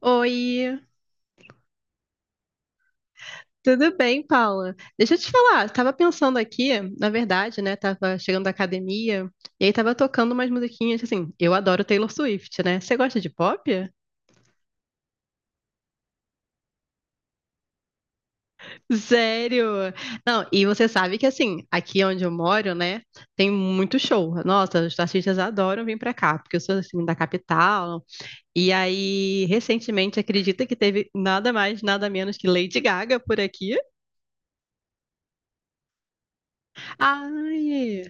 Oi, tudo bem, Paula? Deixa eu te falar, estava pensando aqui, na verdade, né? Tava chegando da academia e aí tava tocando umas musiquinhas assim. Eu adoro Taylor Swift, né? Você gosta de pop? Sério? Não, e você sabe que assim, aqui onde eu moro, né, tem muito show. Nossa, os artistas adoram vir pra cá, porque eu sou assim da capital. E aí, recentemente, acredita que teve nada mais, nada menos que Lady Gaga por aqui? Ai,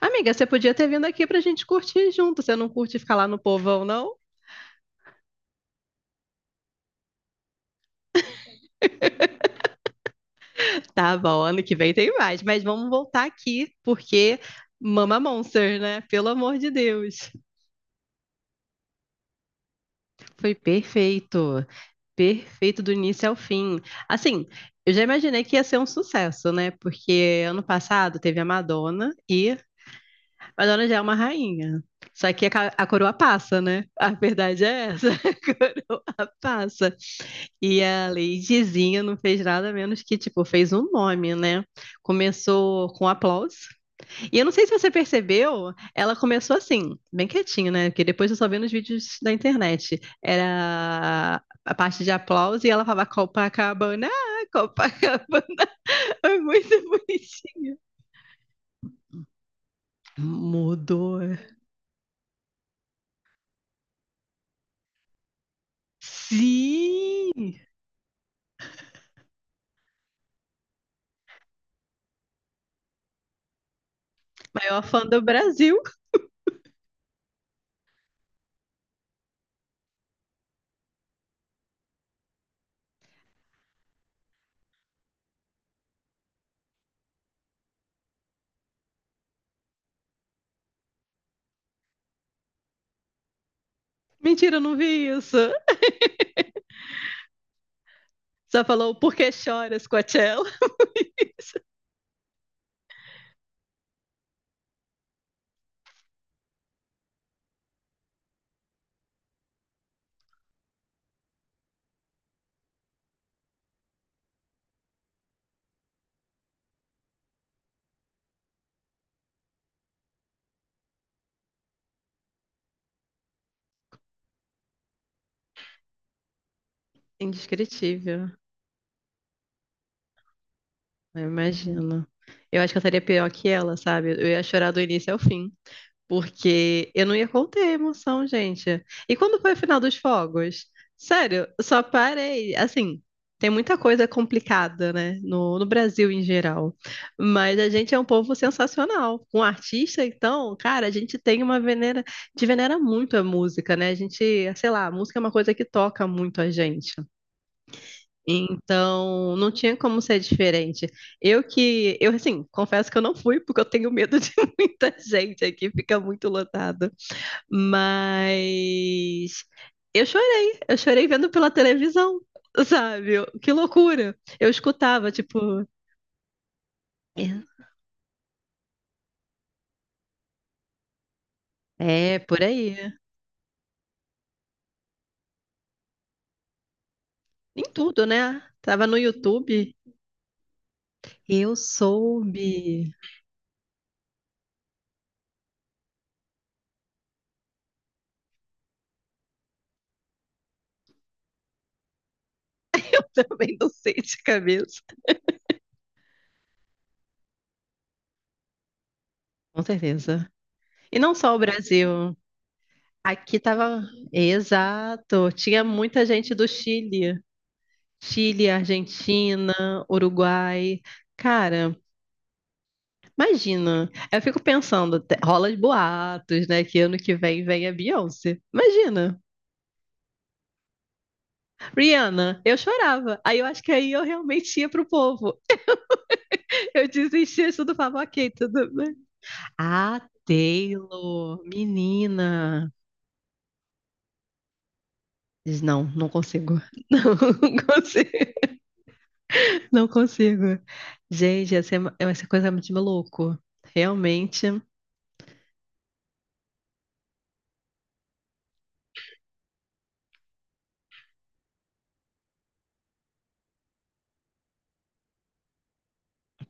amiga, você podia ter vindo aqui pra gente curtir junto. Você não curte ficar lá no povão, não? Tá bom, ano que vem tem mais. Mas vamos voltar aqui, porque Mama Monster, né? Pelo amor de Deus. Foi perfeito. Perfeito do início ao fim. Assim, eu já imaginei que ia ser um sucesso, né? Porque ano passado teve a Madonna e Madonna já é uma rainha. Só que a, a coroa passa, né? A verdade é essa, a coroa passa. E a Ladyzinha não fez nada menos que, tipo, fez um nome, né? Começou com aplauso. E eu não sei se você percebeu, ela começou assim, bem quietinho, né? Porque depois eu só vi nos vídeos da internet. Era a parte de aplauso e ela falava Copacabana, Copacabana. É muito bonitinho. Mudou. Sim! Maior fã do Brasil. Mentira, eu não vi isso. Só falou, por que choras, Coachella? Indescritível. Eu imagino. Eu acho que eu estaria pior que ela, sabe? Eu ia chorar do início ao fim, porque eu não ia conter a emoção, gente. E quando foi o final dos fogos? Sério, eu só parei. Assim, tem muita coisa complicada, né? No Brasil em geral. Mas a gente é um povo sensacional. Com um artista, então, cara, a gente tem uma venera. A gente venera muito a música, né? A gente, sei lá, a música é uma coisa que toca muito a gente, então, não tinha como ser diferente. Eu que, eu assim, confesso que eu não fui porque eu tenho medo de muita gente aqui, fica muito lotado. Mas eu chorei vendo pela televisão, sabe? Eu- Que loucura. Eu escutava, tipo, é, é por aí, em tudo, né? Tava no YouTube, eu soube. Também não sei de cabeça. Com certeza. E não só o Brasil. Aqui tava. Exato. Tinha muita gente do Chile. Chile, Argentina, Uruguai. Cara, imagina. Eu fico pensando, rola os boatos, né? Que ano que vem vem a Beyoncé. Imagina. Rihanna, eu chorava. Aí eu acho que aí eu realmente ia pro povo. Eu desistia, tudo falava, ok, tudo bem. Ah, Taylor, menina. Diz, não, não consigo. Não consigo. Não consigo. Gente, essa é, é essa coisa é muito de maluco. Realmente,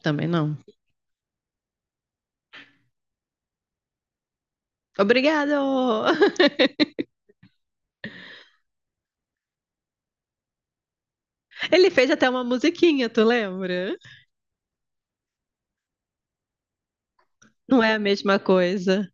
também não. Obrigado! Ele fez até uma musiquinha, tu lembra? Não é a mesma coisa.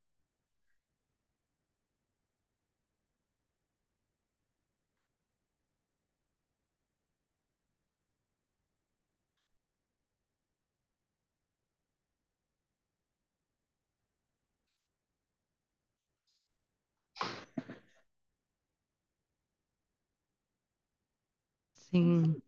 Sim.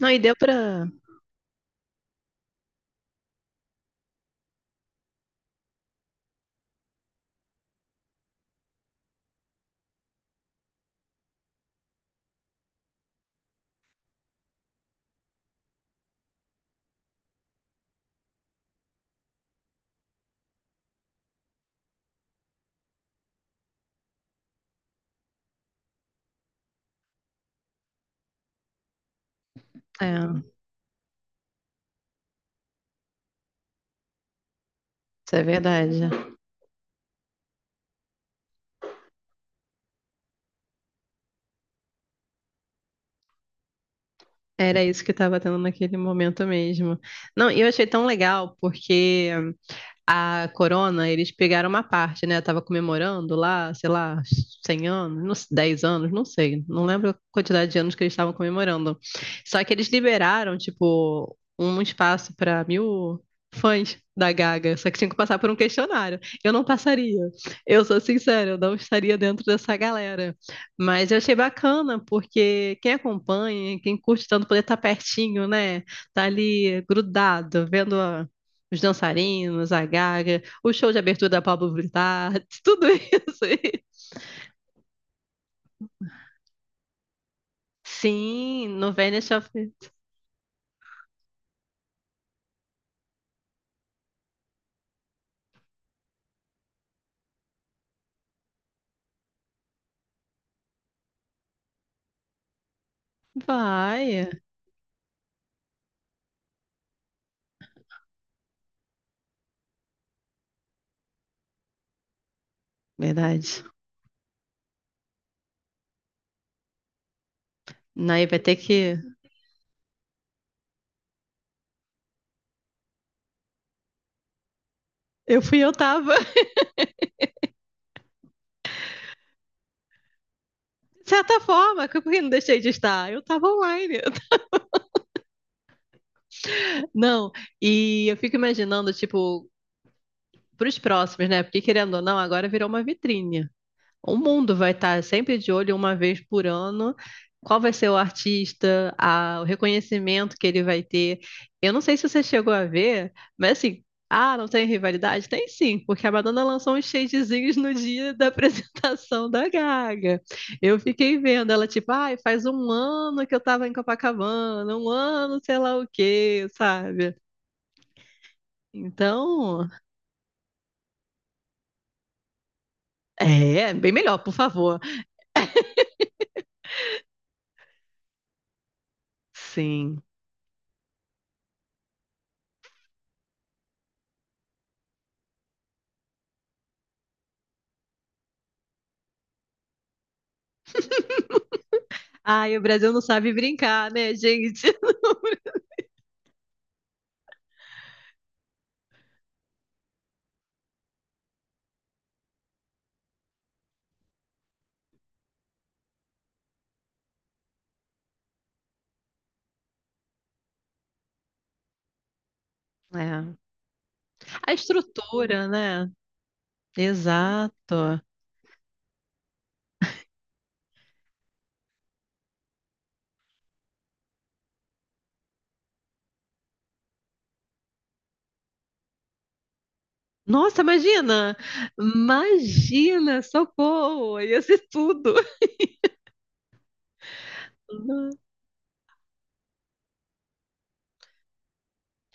Não, e deu pra. É, isso é verdade. Era isso que tava tendo naquele momento mesmo. Não, e eu achei tão legal, porque a Corona, eles pegaram uma parte, né? Tava comemorando lá, sei lá, 100 anos, 10 anos, não sei, não lembro a quantidade de anos que eles estavam comemorando. Só que eles liberaram, tipo, um espaço para 1.000 fãs da Gaga, só que tinha que passar por um questionário. Eu não passaria. Eu sou sincera, eu não estaria dentro dessa galera. Mas eu achei bacana, porque quem acompanha, quem curte tanto poder estar pertinho, né? Tá ali grudado, vendo a os dançarinos, a Gaga, o show de abertura da Pablo Vittar, tudo isso aí. Sim, no Venice of... Vai, verdade. Aí vai ter que. Eu fui, eu tava. De certa forma, que eu não deixei de estar. Eu tava online. Não, e eu fico imaginando, tipo, pros próximos, né? Porque querendo ou não, agora virou uma vitrine. O mundo vai estar sempre de olho uma vez por ano. Qual vai ser o artista, o reconhecimento que ele vai ter? Eu não sei se você chegou a ver, mas assim, ah, não tem rivalidade? Tem sim, porque a Madonna lançou uns shadezinhos no dia da apresentação da Gaga. Eu fiquei vendo ela, tipo, ai, faz um ano que eu tava em Copacabana, um ano, sei lá o quê, sabe? Então, é, bem melhor, por favor. Sim. Ai, o Brasil não sabe brincar, né, gente? É. A estrutura, né? Exato. Nossa, imagina! Imagina, socorro! Ia ser tudo.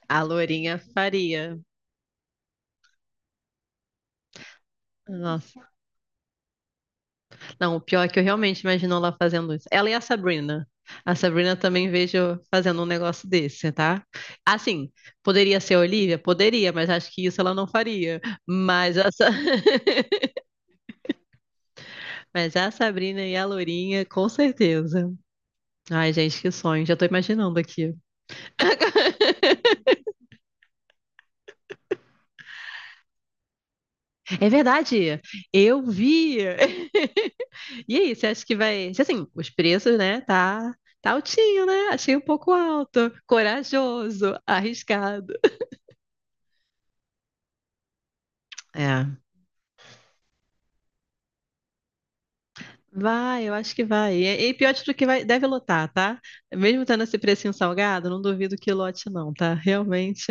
A Lourinha faria. Nossa. Não, o pior é que eu realmente imagino ela fazendo isso. Ela e a Sabrina. A Sabrina também vejo fazendo um negócio desse, tá? Assim, poderia ser a Olivia? Poderia, mas acho que isso ela não faria. Mas essa. Mas a Sabrina e a Lourinha, com certeza. Ai, gente, que sonho. Já tô imaginando aqui. É verdade. Eu vi. E aí, você acha que vai. Se, assim, os preços, né? Tá, tá altinho, né? Achei um pouco alto. Corajoso, arriscado. É. Vai, eu acho que vai. E pior de tudo que vai, deve lotar, tá? Mesmo tendo esse precinho salgado, não duvido que lote, não, tá? Realmente.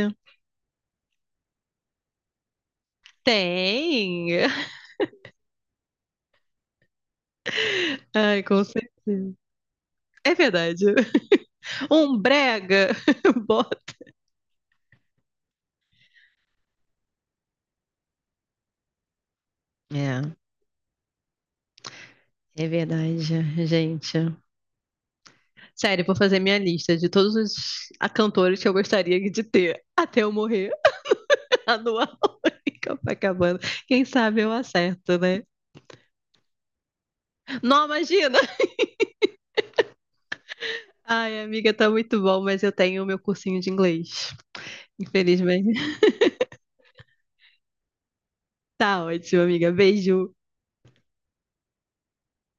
Tem! Ai, com certeza. É verdade. Um brega, bota. É, é verdade, gente. Sério, vou fazer minha lista de todos os cantores que eu gostaria de ter até eu morrer anual em Copacabana. Quem sabe eu acerto, né? Não, imagina! Ai, amiga, tá muito bom, mas eu tenho o meu cursinho de inglês. Infelizmente. Tá ótimo, amiga. Beijo.